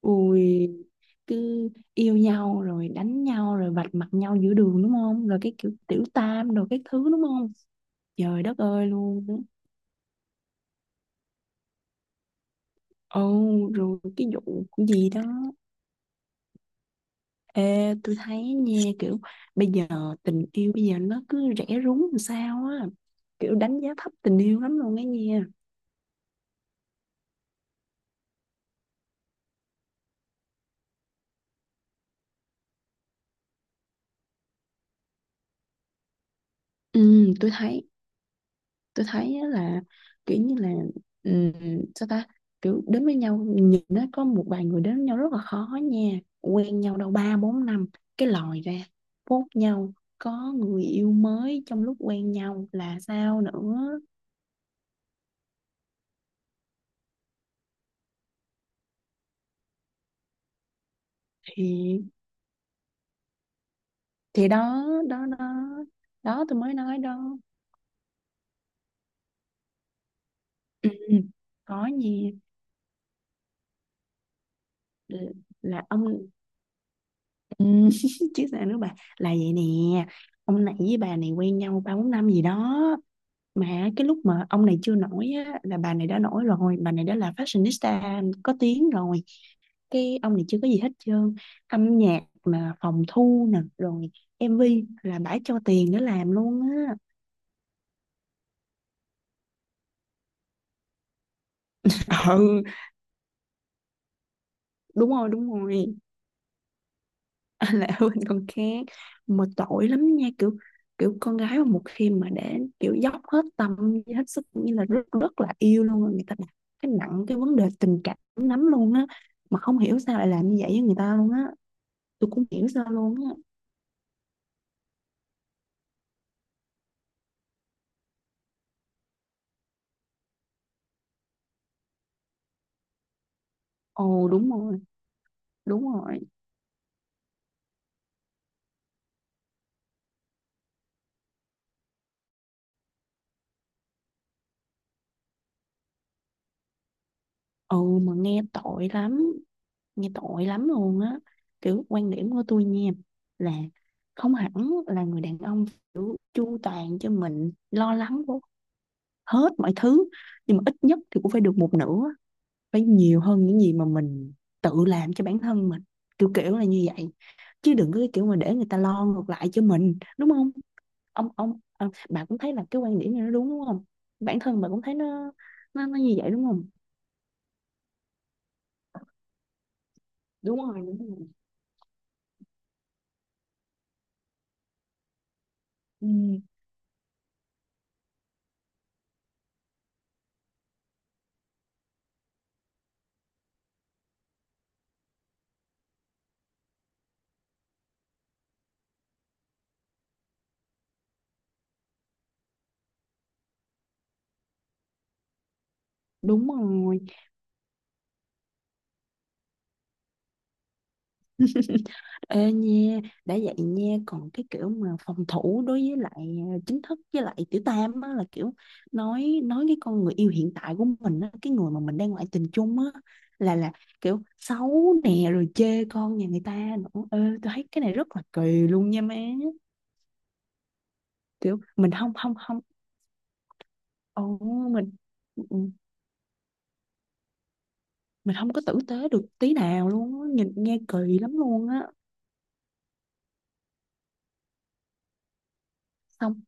Ui, cứ yêu nhau rồi đánh nhau rồi vạch mặt nhau giữa đường đúng không? Rồi cái kiểu tiểu tam rồi cái thứ đúng không? Trời đất ơi luôn. Ồ, rồi cái vụ cũng gì đó. Ê, tôi thấy nha kiểu bây giờ tình yêu bây giờ nó cứ rẻ rúng làm sao á. Kiểu đánh giá thấp tình yêu lắm luôn ấy nha. Ừ, tôi thấy á là kiểu như là ừm, sao ta kiểu đến với nhau nhìn nó có một vài người đến với nhau rất là khó nha, quen nhau đâu ba bốn năm cái lòi ra phốt nhau, có người yêu mới trong lúc quen nhau là sao nữa. Thì thì đó đó đó đó tôi mới nói đó. Ừ, ừ. Có gì là ông. Ừ, chứ sao nữa bà, là vậy nè. Ông này với bà này quen nhau ba bốn năm gì đó, mà cái lúc mà ông này chưa nổi á, là bà này đã nổi rồi, bà này đã là fashionista có tiếng rồi. Cái ông này chưa có gì hết trơn, âm nhạc mà phòng thu nè, rồi MV, là bả cho tiền để làm luôn á. Ừ, đúng rồi, đúng rồi. Là hơn con khác. Mà tội lắm nha, kiểu kiểu con gái mà một khi mà để kiểu dốc hết tâm với hết sức như là rất rất là yêu luôn á, người ta đặt cái nặng cái vấn đề tình cảm lắm luôn á. Mà không hiểu sao lại làm như vậy với người ta luôn á, tôi cũng hiểu sao luôn á. Ồ, đúng rồi, đúng rồi. Ừ, mà nghe tội lắm, nghe tội lắm luôn á. Kiểu quan điểm của tôi nha, là không hẳn là người đàn ông chu toàn cho mình lo lắng hết mọi thứ, nhưng mà ít nhất thì cũng phải được một nửa, phải nhiều hơn những gì mà mình tự làm cho bản thân mình, kiểu kiểu là như vậy. Chứ đừng có cái kiểu mà để người ta lo ngược lại cho mình đúng không. Ông à, bà cũng thấy là cái quan điểm này nó đúng đúng không, bản thân bà cũng thấy nó, nó như vậy đúng không. Đúng rồi, đúng rồi. Ừ, đúng rồi. Ê nha, đã vậy nha còn cái kiểu mà phòng thủ đối với lại chính thức với lại tiểu tam á, là kiểu nói cái con người yêu hiện tại của mình á, cái người mà mình đang ngoại tình chung á, là kiểu xấu nè, rồi chê con nhà người ta nữa. Ê tôi thấy cái này rất là kỳ luôn nha má. Kiểu mình không không không. Ồ, mình. Ừ, mình không có tử tế được tí nào luôn á, nhìn nghe kỳ lắm luôn á. Xong.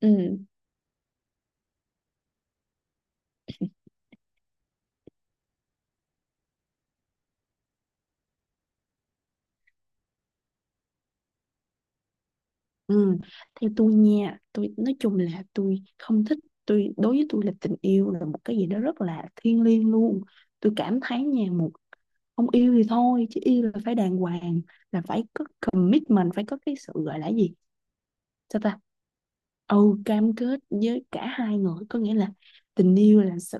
Ừ, ừ. Theo tôi nha, tôi nói chung là tôi không thích. Tôi đối với tôi là tình yêu là một cái gì đó rất là thiêng liêng luôn. Tôi cảm thấy nha, một, không yêu thì thôi chứ yêu là phải đàng hoàng, là phải có commitment, phải có cái sự gọi là gì, sao ta. Ừ, cam kết với cả hai người, có nghĩa là tình yêu là sự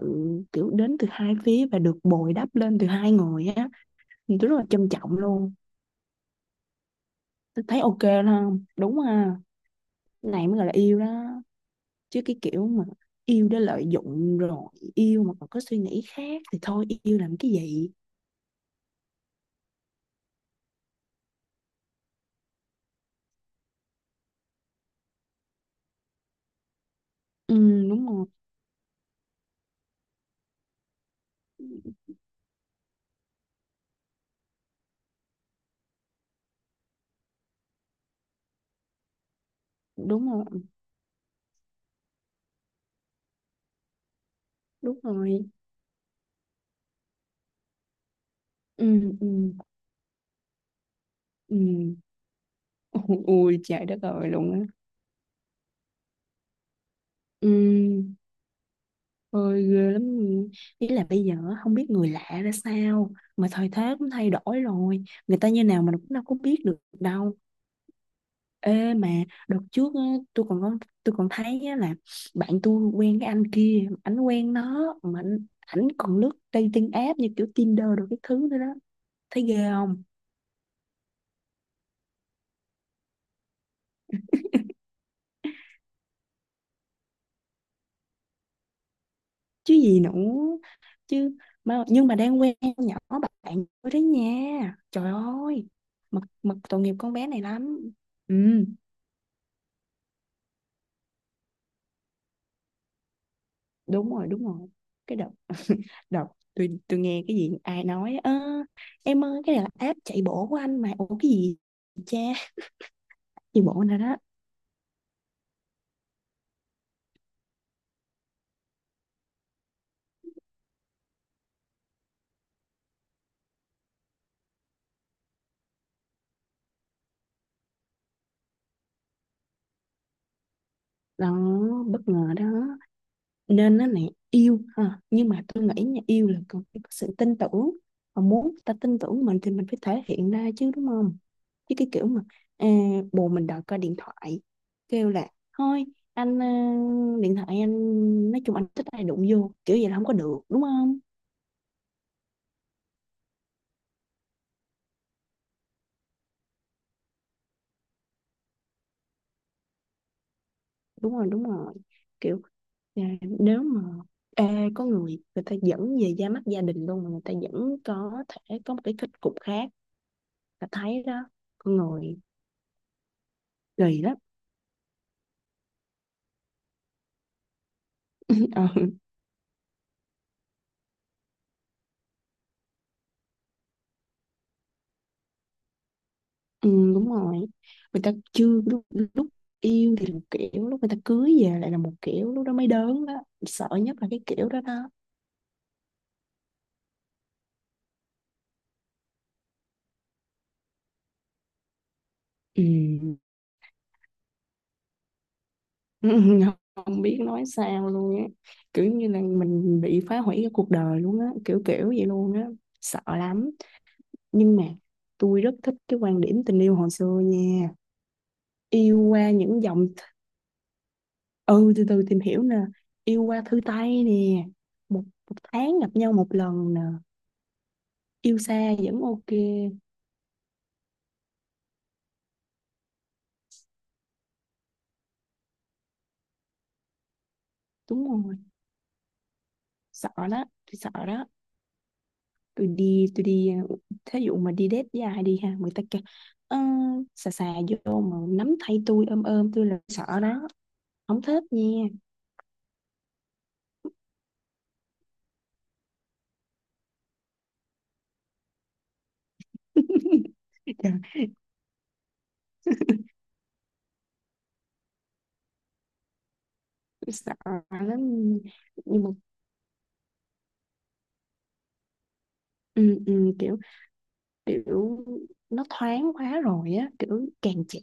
kiểu đến từ hai phía và được bồi đắp lên từ hai người á, thì tôi rất là trân trọng luôn. Tôi thấy ok đó không đúng ha. Cái này mới gọi là yêu đó, chứ cái kiểu mà yêu để lợi dụng, rồi yêu mà còn có suy nghĩ khác thì thôi yêu làm cái gì. Ừ, đúng rồi, đúng rồi, đúng rồi. Ừ, ừ, ừ. Ôi ôi, trời đất ơi luôn á. Ừ, ôi ghê lắm. Ý là bây giờ á, không biết người lạ ra sao, mà thời thế cũng thay đổi rồi, người ta như nào mình cũng đâu có biết được đâu. Ê mà đợt trước á, tôi còn có, tôi còn thấy á là bạn tôi quen cái anh kia, ảnh quen nó mà ảnh ảnh còn lướt dating app như kiểu Tinder đồ cái thứ nữa đó. Thấy ghê không? Chứ gì nữa. Chứ mà nhưng mà đang quen con nhỏ bạn tôi đấy nha. Trời ơi. Mà tội nghiệp con bé này lắm. Ừ, đúng rồi, đúng rồi. Cái đợt đợt tôi nghe cái gì ai nói, ơ em ơi cái này là app chạy bộ của anh, mà ủa cái gì cha, chạy bộ nào đó. Đó bất ngờ đó, nên nó này yêu ha, nhưng mà tôi nghĩ nha yêu là cần phải có sự tin tưởng, và muốn người ta tin tưởng mình thì mình phải thể hiện ra chứ đúng không. Chứ cái kiểu mà, à, bồ mình đòi coi điện thoại, kêu là thôi anh à, điện thoại anh nói chung anh thích ai đụng vô, kiểu vậy là không có được đúng không. Đúng rồi, đúng rồi, kiểu nếu mà có người, người ta dẫn về ra mắt gia đình luôn mà người ta vẫn có thể có một cái kết cục khác, ta thấy đó, con người kỳ lắm. Ừ, ừ, đúng rồi. Người ta chưa lúc, lúc yêu thì là một kiểu, lúc người ta cưới về lại là một kiểu, lúc đó mới đớn đó, sợ nhất là cái kiểu đó đó. Ừ. Không biết nói sao luôn á, kiểu như là mình bị phá hủy cái cuộc đời luôn á, kiểu kiểu vậy luôn á, sợ lắm. Nhưng mà tôi rất thích cái quan điểm tình yêu hồi xưa nha, yêu qua những dòng. Ừ, từ từ tìm hiểu nè, yêu qua thư tay nè, một, một tháng gặp nhau một lần nè, yêu xa vẫn ok. Đúng rồi, sợ đó, tôi sợ đó. Tôi đi thí dụ mà đi date dài đi ha, người ta kêu "Ơ, xà xà vô mà nắm tay tôi, ôm ôm tôi" là sợ đó, không thích nha. Trời, tôi sợ lắm. Nhưng mà ừ, ừ, kiểu kiểu nó thoáng quá rồi á, kiểu càng trẻ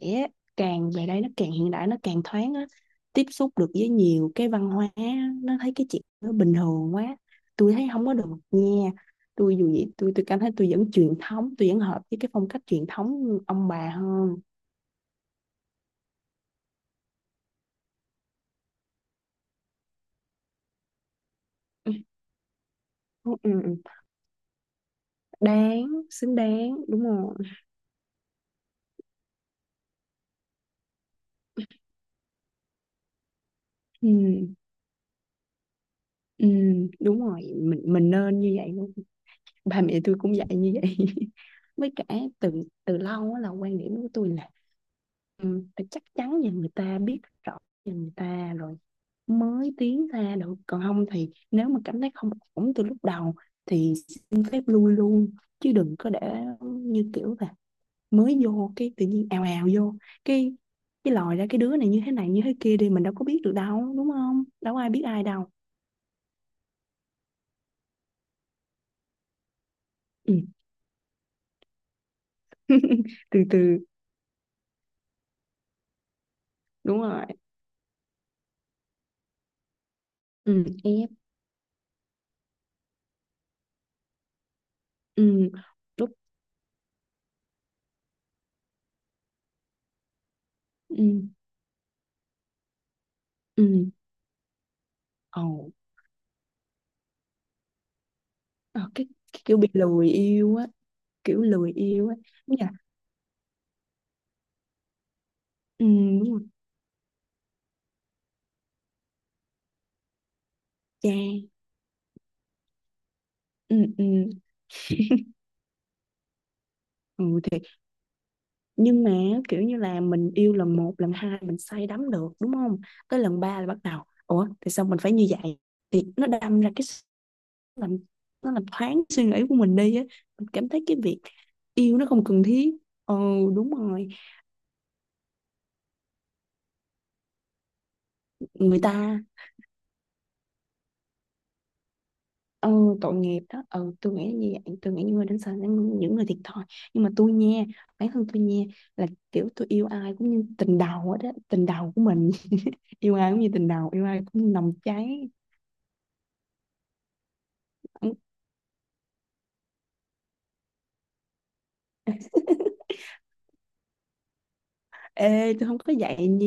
càng về đây nó càng hiện đại, nó càng thoáng á, tiếp xúc được với nhiều cái văn hóa á, nó thấy cái chuyện nó bình thường quá. Tôi thấy không có được nha, tôi dù gì tôi cảm thấy tôi vẫn truyền thống, tôi vẫn hợp với cái phong cách truyền thống ông bà hơn. Ừ, ừ, ừ. Đáng, xứng đáng, đúng rồi. Ừ, ừ, đúng rồi, mình nên như vậy luôn. Ba mẹ tôi cũng dạy như vậy. Với cả từ từ lâu á là quan điểm của tôi là ừ, phải chắc chắn và người ta biết rõ về người ta rồi mới tiến ra được. Còn không thì nếu mà cảm thấy không ổn từ lúc đầu thì xin phép lui luôn, chứ đừng có để như kiểu là mới vô cái tự nhiên ào ào vô cái cái lòi ra cái đứa này như thế kia đi, mình đâu có biết được đâu đúng không, đâu có ai biết ai đâu. Ừ. Từ từ, đúng rồi. Ừ, ép. Ừ. Lúc, ừ, ừ, ồ, ờ, cái kiểu bị lười yêu á, kiểu lười yêu á, đúng rồi. Ừ, đúng rồi, cha, ừ, ừ, ừ thì. Nhưng mà kiểu như là mình yêu lần một lần hai mình say đắm được đúng không, tới lần ba là bắt đầu ủa thì sao mình phải như vậy, thì nó đâm ra cái làm, nó làm thoáng suy nghĩ của mình đi á, mình cảm thấy cái việc yêu nó không cần thiết. Ừ, đúng rồi, người ta, ừ, tội nghiệp đó. Ừ tôi nghĩ là như vậy, tôi nghĩ những người đến sợ những người thiệt thòi. Nhưng mà tôi nha, bản thân tôi nha, là kiểu tôi yêu ai cũng như tình đầu đó, tình đầu của mình. Yêu ai cũng như tình đầu, yêu ai cũng như nồng cháy. Ê tôi không có vậy nha.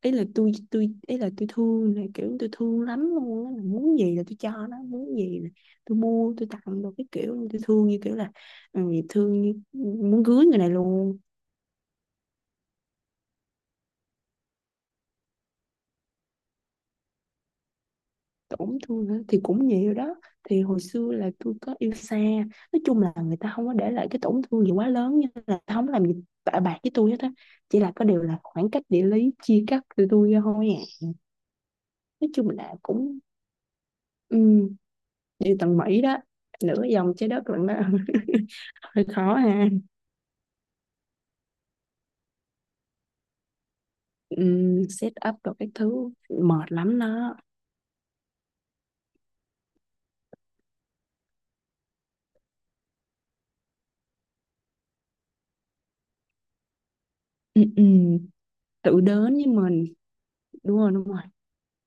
Ý là tôi ý là tôi thương, là kiểu tôi thương lắm luôn á, là muốn gì là tôi cho nó, muốn gì là tôi mua tôi tặng đồ, cái kiểu tôi thương như kiểu là ừ, thương như muốn cưới người này luôn. Tổn thương hả? Thì cũng nhiều đó, thì hồi xưa là tôi có yêu xa. Nói chung là người ta không có để lại cái tổn thương gì quá lớn, như là không làm gì bạc với tôi hết á, chỉ là có điều là khoảng cách địa lý chia cắt tôi ra thôi à. Nói chung là cũng um, đi tầng Mỹ đó, nửa vòng trái đất lận đó. Hơi khó ha, set up rồi các thứ mệt lắm đó. Ừ, ừ, tự đến với mình, đúng rồi, đúng rồi.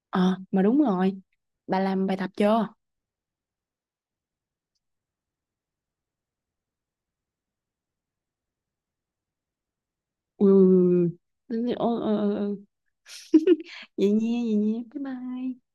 Ờ mà đúng rồi, bà làm bài tập chưa. Ừ, ừ, ừ. Ờ, ờ, ờ, ờ. Vậy nha, vậy nha, bye bye.